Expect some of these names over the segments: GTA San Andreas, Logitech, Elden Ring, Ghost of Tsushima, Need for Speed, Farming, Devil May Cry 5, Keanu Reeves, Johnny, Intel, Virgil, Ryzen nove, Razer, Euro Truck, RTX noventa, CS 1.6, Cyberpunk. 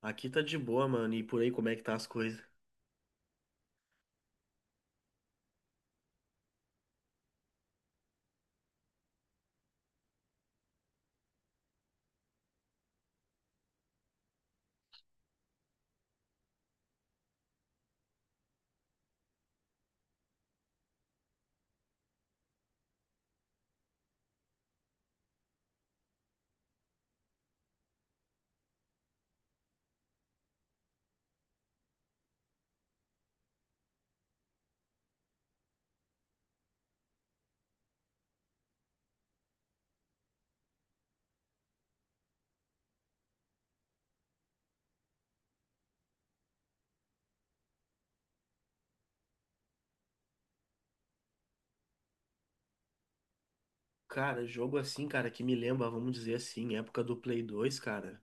Aqui tá de boa, mano. E por aí, como é que tá as coisas? Cara, jogo assim, cara, que me lembra, vamos dizer assim, época do Play 2, cara,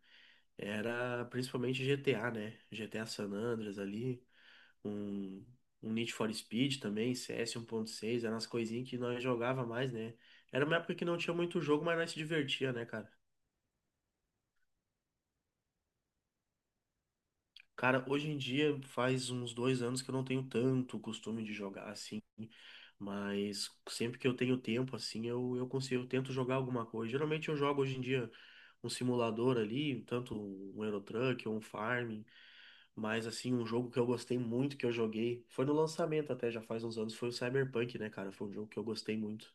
era principalmente GTA, né? GTA San Andreas ali, um, um Need for Speed também, CS 1.6, eram as coisinhas que nós jogava mais, né? Era uma época que não tinha muito jogo, mas nós se divertia, né, cara? Cara, hoje em dia faz uns dois anos que eu não tenho tanto costume de jogar assim, mas sempre que eu tenho tempo assim, eu consigo, eu tento jogar alguma coisa. Geralmente eu jogo hoje em dia um simulador ali, tanto um Euro Truck ou um Farming, mas assim, um jogo que eu gostei muito que eu joguei, foi no lançamento até já faz uns anos, foi o Cyberpunk, né, cara? Foi um jogo que eu gostei muito.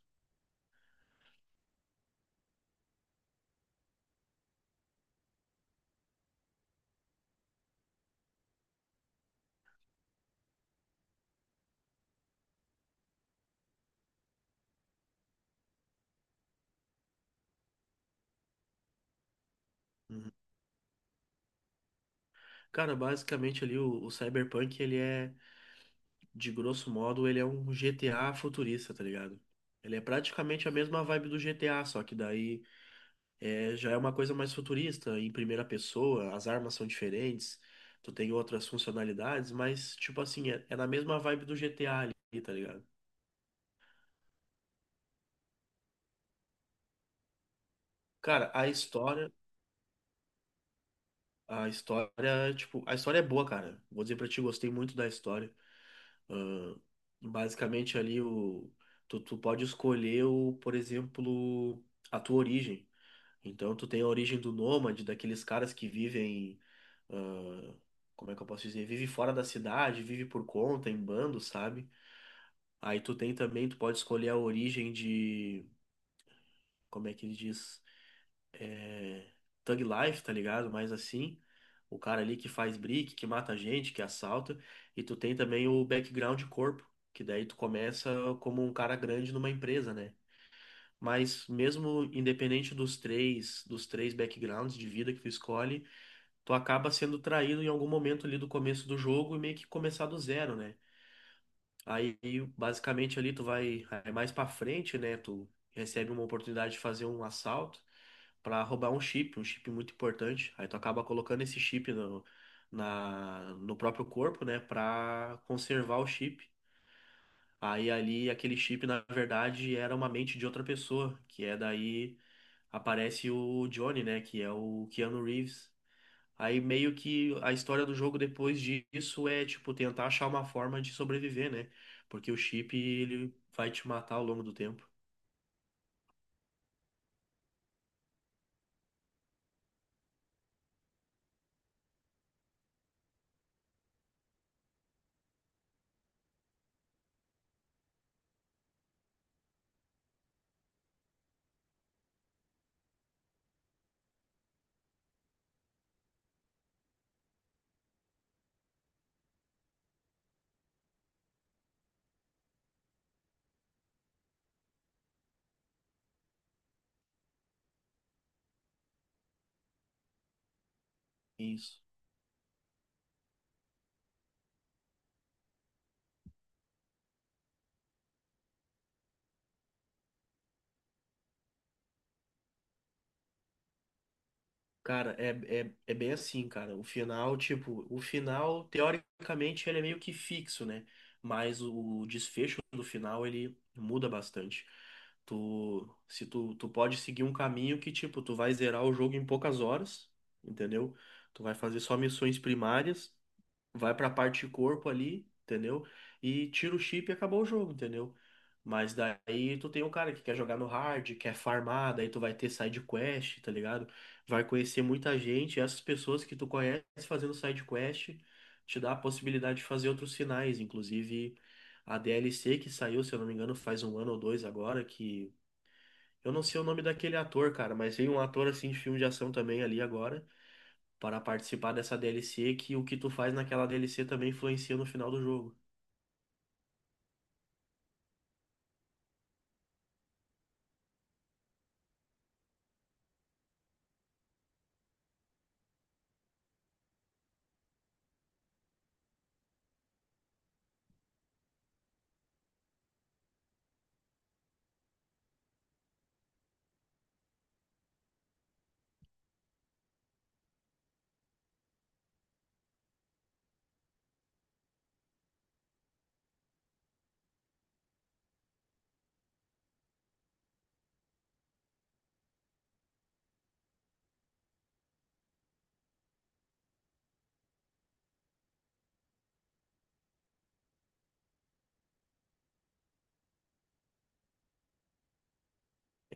Uhum. Cara, basicamente ali o Cyberpunk, ele é de grosso modo, ele é um GTA futurista, tá ligado? Ele é praticamente a mesma vibe do GTA, só que daí é, já é uma coisa mais futurista, em primeira pessoa, as armas são diferentes, tu tem outras funcionalidades, mas, tipo assim, é na mesma vibe do GTA ali, tá ligado? Cara, a história, tipo, a história é boa, cara. Vou dizer pra ti, gostei muito da história. Basicamente ali, o, tu pode escolher, o, por exemplo, a tua origem. Então tu tem a origem do nômade, daqueles caras que vivem, ah, como é que eu posso dizer? Vive fora da cidade, vive por conta, em bando, sabe? Aí tu tem também, tu pode escolher a origem de, como é que ele diz? É, Thug Life, tá ligado? Mais assim. O cara ali que faz brick, que mata gente, que assalta. E tu tem também o background de corpo, que daí tu começa como um cara grande numa empresa, né? Mas mesmo independente dos três backgrounds de vida que tu escolhe, tu acaba sendo traído em algum momento ali do começo do jogo e meio que começar do zero, né? Aí, basicamente, ali tu vai aí mais pra frente, né? Tu recebe uma oportunidade de fazer um assalto pra roubar um chip muito importante. Aí tu acaba colocando esse chip no próprio corpo, né? Pra conservar o chip. Aí ali, aquele chip, na verdade, era uma mente de outra pessoa, que é daí aparece o Johnny, né? Que é o Keanu Reeves. Aí meio que a história do jogo depois disso é, tipo, tentar achar uma forma de sobreviver, né? Porque o chip, ele vai te matar ao longo do tempo. Isso. Cara, é bem assim, cara. O final, tipo, o final, teoricamente, ele é meio que fixo, né? Mas o desfecho do final, ele muda bastante. Se tu pode seguir um caminho que, tipo, tu vai zerar o jogo em poucas horas, entendeu? Tu vai fazer só missões primárias, vai pra parte de corpo ali, entendeu? E tira o chip e acabou o jogo, entendeu? Mas daí tu tem um cara que quer jogar no hard, quer farmar, daí tu vai ter side quest, tá ligado? Vai conhecer muita gente, e essas pessoas que tu conhece fazendo side quest te dá a possibilidade de fazer outros finais, inclusive a DLC que saiu, se eu não me engano, faz um ano ou dois agora, que eu não sei o nome daquele ator, cara, mas tem um ator assim de filme de ação também ali agora para participar dessa DLC, que o que tu faz naquela DLC também influencia no final do jogo.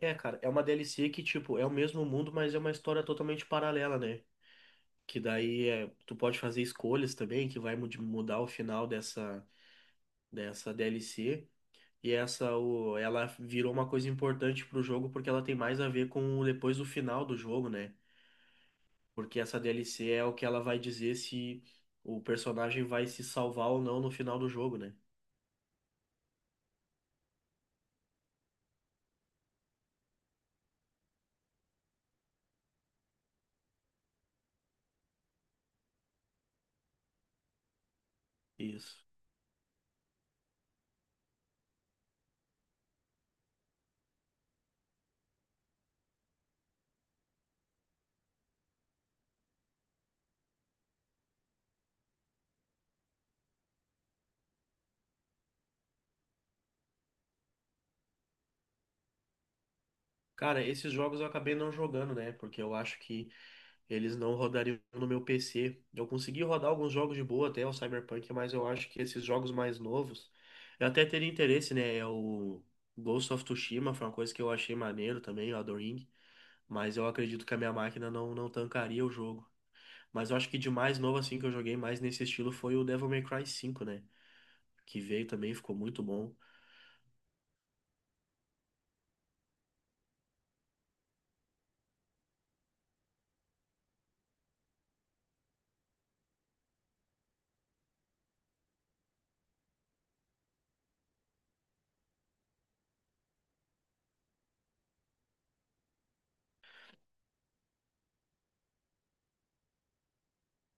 É, cara, é uma DLC que, tipo, é o mesmo mundo, mas é uma história totalmente paralela, né? Que daí é, tu pode fazer escolhas também, que vai mudar o final dessa DLC. E essa, o, ela virou uma coisa importante pro jogo porque ela tem mais a ver com depois do final do jogo, né? Porque essa DLC é o que ela vai dizer se o personagem vai se salvar ou não no final do jogo, né? Isso. Cara, esses jogos eu acabei não jogando, né? Porque eu acho que eles não rodariam no meu PC. Eu consegui rodar alguns jogos de boa até o Cyberpunk, mas eu acho que esses jogos mais novos, eu até teria interesse, né? É o Ghost of Tsushima, foi uma coisa que eu achei maneiro também, o Elden Ring, mas eu acredito que a minha máquina não tancaria o jogo. Mas eu acho que de mais novo assim que eu joguei mais nesse estilo foi o Devil May Cry 5, né? Que veio também, ficou muito bom.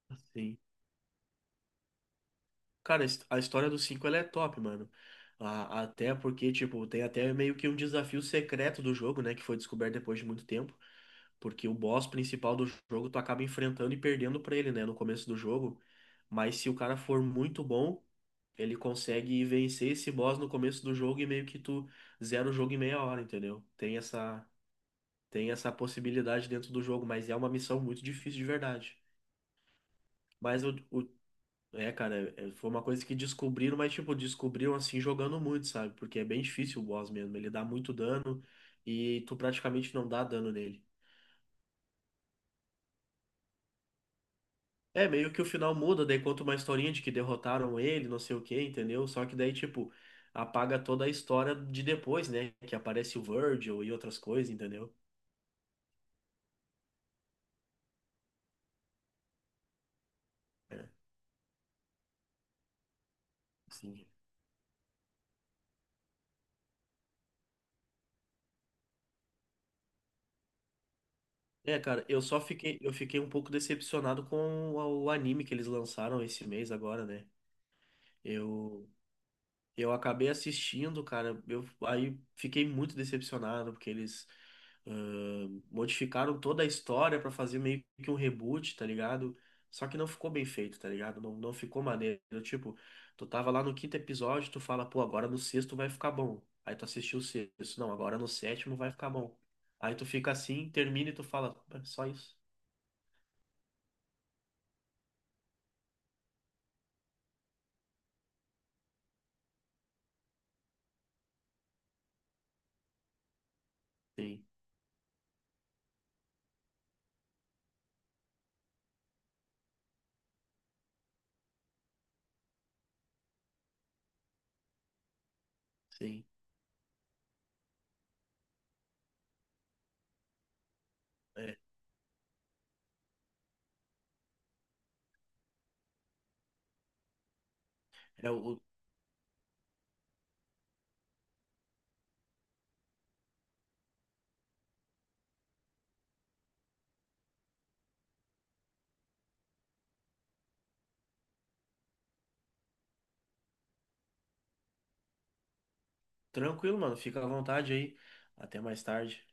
Assim, cara, a história dos cinco, ela é top, mano. A- Até porque, tipo, tem até meio que um desafio secreto do jogo, né? Que foi descoberto depois de muito tempo. Porque o boss principal do jogo tu acaba enfrentando e perdendo pra ele, né? No começo do jogo. Mas se o cara for muito bom, ele consegue vencer esse boss no começo do jogo e meio que tu zera o jogo em meia hora, entendeu? Tem essa possibilidade dentro do jogo, mas é uma missão muito difícil de verdade. Mas o, é, cara, foi uma coisa que descobriram, mas, tipo, descobriram assim jogando muito, sabe? Porque é bem difícil o boss mesmo. Ele dá muito dano e tu praticamente não dá dano nele. É, meio que o final muda, daí conta uma historinha de que derrotaram ele, não sei o quê, entendeu? Só que daí, tipo, apaga toda a história de depois, né? Que aparece o Virgil e outras coisas, entendeu? É, sim. É, cara, eu só fiquei, eu fiquei um pouco decepcionado com o anime que eles lançaram esse mês agora, né? Eu. Eu acabei assistindo, cara. Eu aí fiquei muito decepcionado porque eles ah, modificaram toda a história pra fazer meio que um reboot, tá ligado? Só que não ficou bem feito, tá ligado? Não, não ficou maneiro. Tipo, tu tava lá no quinto episódio, tu fala, pô, agora no sexto vai ficar bom. Aí tu assistiu o sexto, não, agora no sétimo vai ficar bom. Aí tu fica assim, termina e tu fala, "É só isso." Sim, sim. É, é o, o- Tranquilo, mano. Fica à vontade aí. Até mais tarde.